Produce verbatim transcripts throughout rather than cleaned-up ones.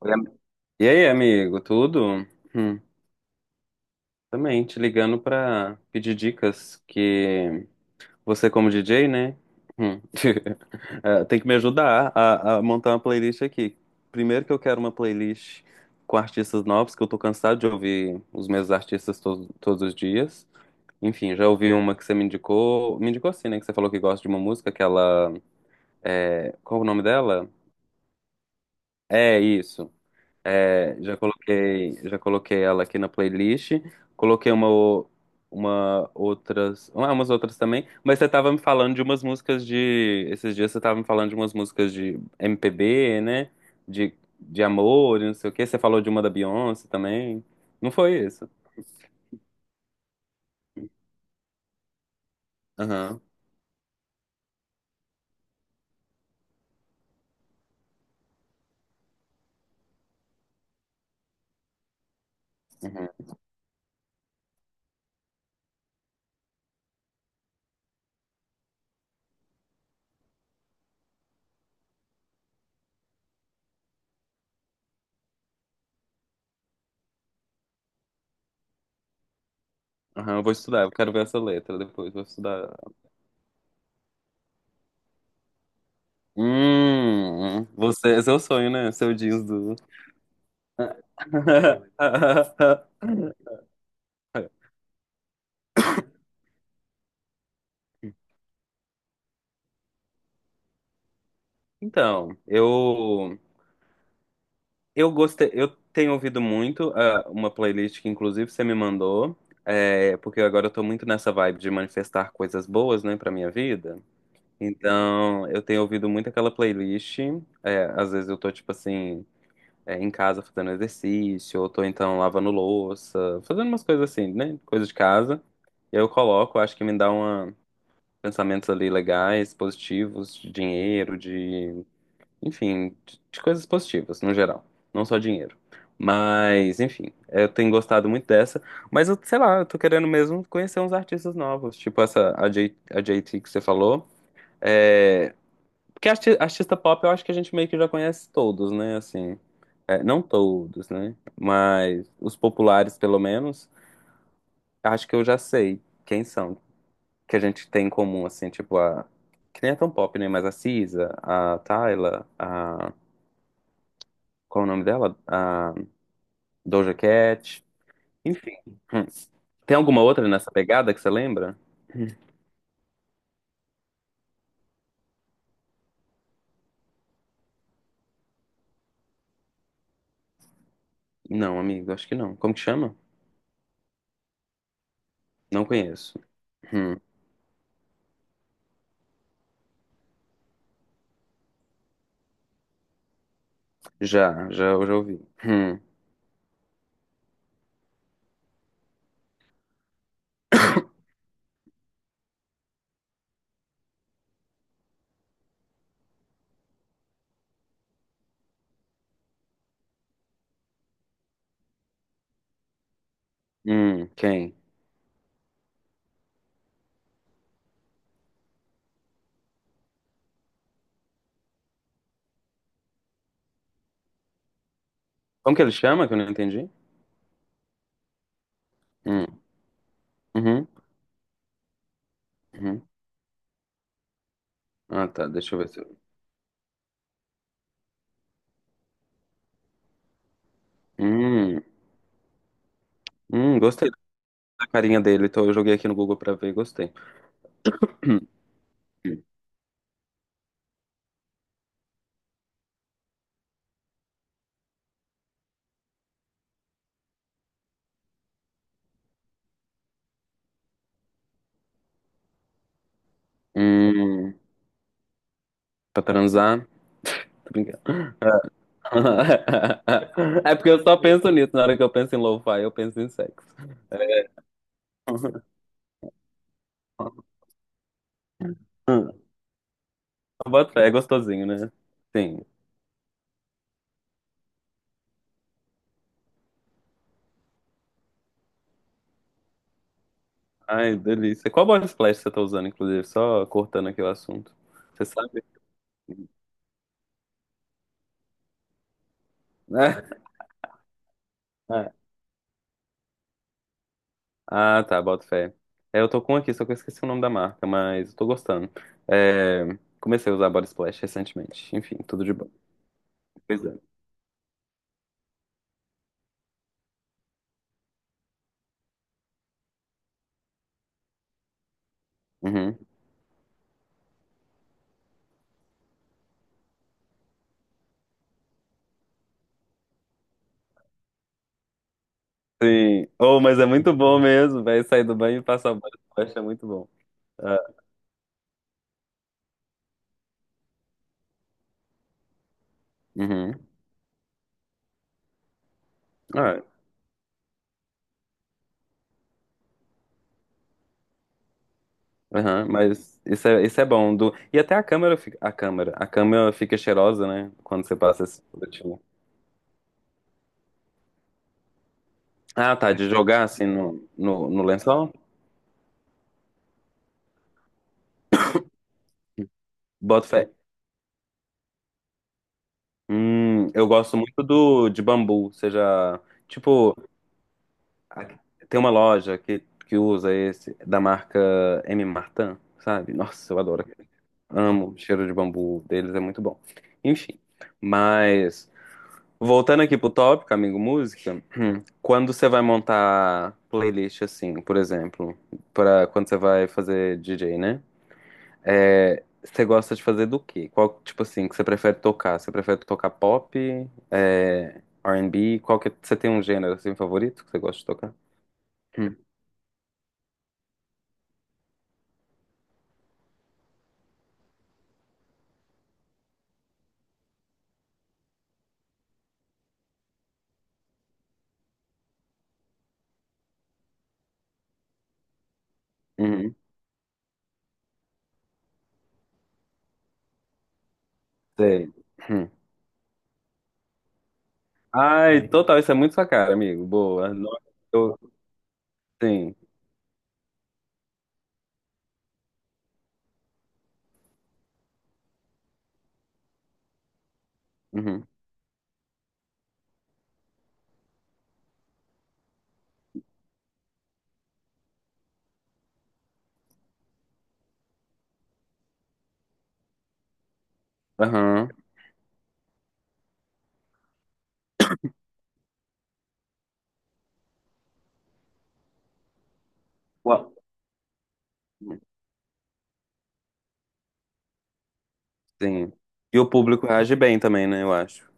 Oi. am- E aí, amigo, tudo? Hum, também te ligando pra pedir dicas que você como D J, né? Hum, eh, tem que me ajudar a, a montar uma playlist aqui. Primeiro que eu quero uma playlist com artistas novos, que eu tô cansado de ouvir os mesmos artistas to- todos os dias. Enfim, já ouvi uma que você me indicou, me indicou assim, né? Que você falou que gosta de uma música, aquela. é, Qual é o nome dela? É isso. É, já coloquei, já coloquei ela aqui na playlist. Coloquei uma, o- uma outras, ah, umas outras também. Mas você tava me falando de umas músicas de, esses dias você tava me falando de umas músicas de M P B, né? De, de amor, e não sei o quê. Você falou de uma da Beyoncé também. Não foi isso? Aham, aham, aham. Eu vou estudar. Eu quero ver essa letra depois. Vou estudar. Hum, você, é seu sonho, né? Seu jeans do... Então, eu eu gostei, eu tenho ouvido muito ah, uma playlist que inclusive você me mandou, é, porque agora eu tô muito nessa vibe de manifestar coisas boas, né, pra minha vida. Então, eu tenho ouvido muito aquela playlist, é, às vezes eu tô tipo assim, é, em casa fazendo exercício, ou tô então lavando louça, fazendo umas coisas assim, né, coisa de casa. E aí eu coloco, acho que me dá uma pensamentos ali legais, positivos, de dinheiro, enfim, de de coisas positivas, no geral. Não só dinheiro. Mas, enfim, eu tenho gostado muito dessa. Mas eu, sei lá, eu tô querendo mesmo conhecer uns artistas novos. Tipo essa, a, J, a J T que você falou. É, porque arti- artista pop eu acho que a gente meio que já conhece todos, né? Assim, é, não todos, né? Mas os populares, pelo menos, acho que eu já sei quem são. Que a gente tem em comum, assim, tipo a. Que nem é tão pop, né? Mas a Cisa, a Tyla, a. Qual é o nome dela? Doja Cat. Enfim. Hum. Tem alguma outra nessa pegada que você lembra? Hum. Não, amigo, acho que não. Como que chama? Não conheço. Hum. Já, já, eu já ouvi. Hum. Hum. Quem? Como que ele chama que eu não entendi? Hum. Uhum. Uhum. Ah, tá. Deixa eu ver se eu... Hum. Hum, gostei da carinha dele. Então eu joguei aqui no Google pra ver e gostei. Hum. Pra transar? Tô brincando. É porque eu só penso nisso. Na hora que eu penso em lo-fi, eu penso em sexo. Bota fé, é gostosinho, né? Sim. Ai, delícia. Qual body splash você tá usando, inclusive? Só cortando aqui o assunto. Você sabe? Né? É. Ah, tá. Bota fé. É, eu tô com um aqui, só que eu esqueci o nome da marca, mas eu tô gostando. É, comecei a usar body splash recentemente. Enfim, tudo de bom. Pois é. Uhum. Sim. Oh, mas é muito bom mesmo, velho. Sair do banho e passar o body splash é muito bom. Ah, uhum. Ah, aham, mas isso é, isso é bom. Do... E até a câmera fica. A câmera. A câmera fica cheirosa, né? Quando você passa esse produtivo. Ah, tá. De jogar assim no, no, no lençol? Boto fé. Hum, eu gosto muito do de bambu. Você já. Tipo, a- tem uma loja que, que usa esse, da marca M. Martin, sabe? Nossa, eu adoro. Amo o cheiro de bambu deles, é muito bom. Enfim. Mas, voltando aqui pro tópico, amigo, música. Quando você vai montar playlist assim, por exemplo, para quando você vai fazer D J, né? É, você gosta de fazer do quê? Qual tipo assim que você prefere tocar? Você prefere tocar pop, é, R e B? Qual que é, você tem um gênero assim favorito que você gosta de tocar? Hum, uhum, sei. Hum. Ai, total, isso é muito sua cara, amigo. Boa. Nossa, eu- sim. Uhum. Aham. Uau. Sim. E o público reage bem também, né? Eu acho.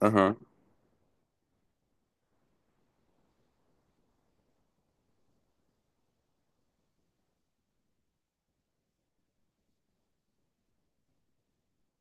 Uhum.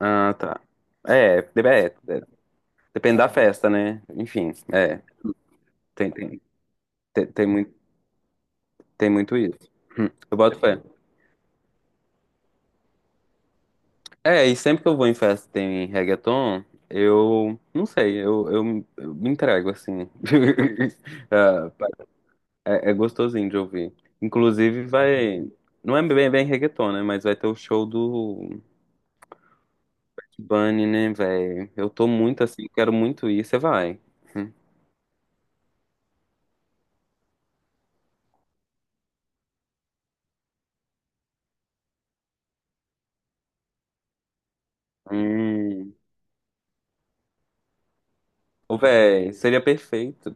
Ah, tá. É, de- é, é, depende da festa, né? Enfim, é, tem, tem, tem, tem muito, tem muito isso. Hum, Eu boto fé. É, e sempre que eu vou em festa e tem reggaeton, eu não sei, eu, eu, eu me entrego assim. Ah, é, é gostosinho de ouvir. Inclusive vai. Não é bem, bem reggaeton, né? Mas vai ter o show do Bunny, né, velho? Eu tô muito assim, quero muito ir. Você vai. Hum. Hum. Ô, véi, seria perfeito.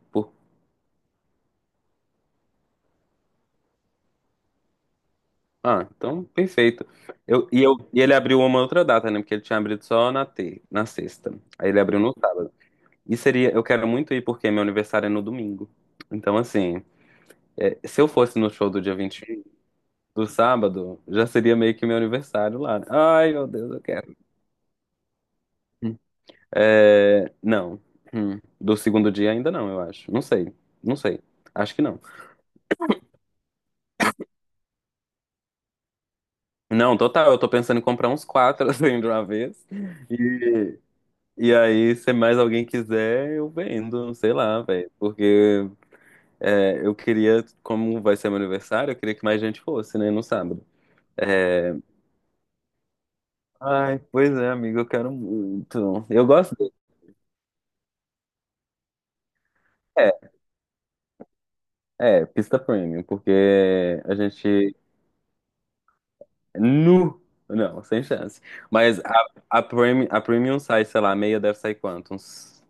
Ah, então, perfeito. Eu, e, eu, e ele abriu uma outra data, né? Porque ele tinha abrido só na, te, na sexta. Aí ele abriu no sábado. E seria, eu quero muito ir porque meu aniversário é no domingo. Então, assim, é, se eu fosse no show do dia vinte e um do sábado, já seria meio que meu aniversário lá. Né? Ai, meu Deus, eu quero. É, não. Hum. Do segundo dia ainda não, eu acho. Não sei. Não sei. Acho que não. Não, total, eu tô pensando em comprar uns quatro assim de uma vez. e E aí, se mais alguém quiser, eu vendo, sei lá, velho. Porque é, eu queria, como vai ser meu aniversário, eu queria que mais gente fosse, né, no sábado. É, ai, pois é, amigo, eu quero muito. Eu gosto de... É, é, pista premium, porque a gente... Nu! Não, sem chance. Mas a, a, premium, a premium sai, sei lá, a meia deve sair quanto? Uns,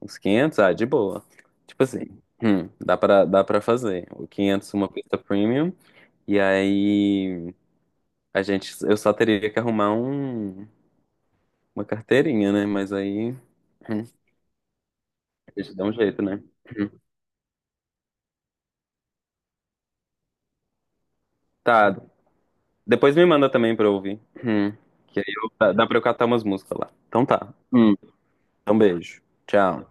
uns quinhentos. Ah, de boa. Tipo assim, hum, dá pra, dá pra fazer. O quinhentos uma pista premium. E aí... A gente, eu só teria que arrumar um, uma carteirinha, né? Mas aí, hum, a gente dá um jeito, né? Hum. Tá. Depois me manda também pra eu ouvir. Hum. Que aí eu- dá dá pra eu catar umas músicas lá. Então tá. Hum. Então beijo. Tchau.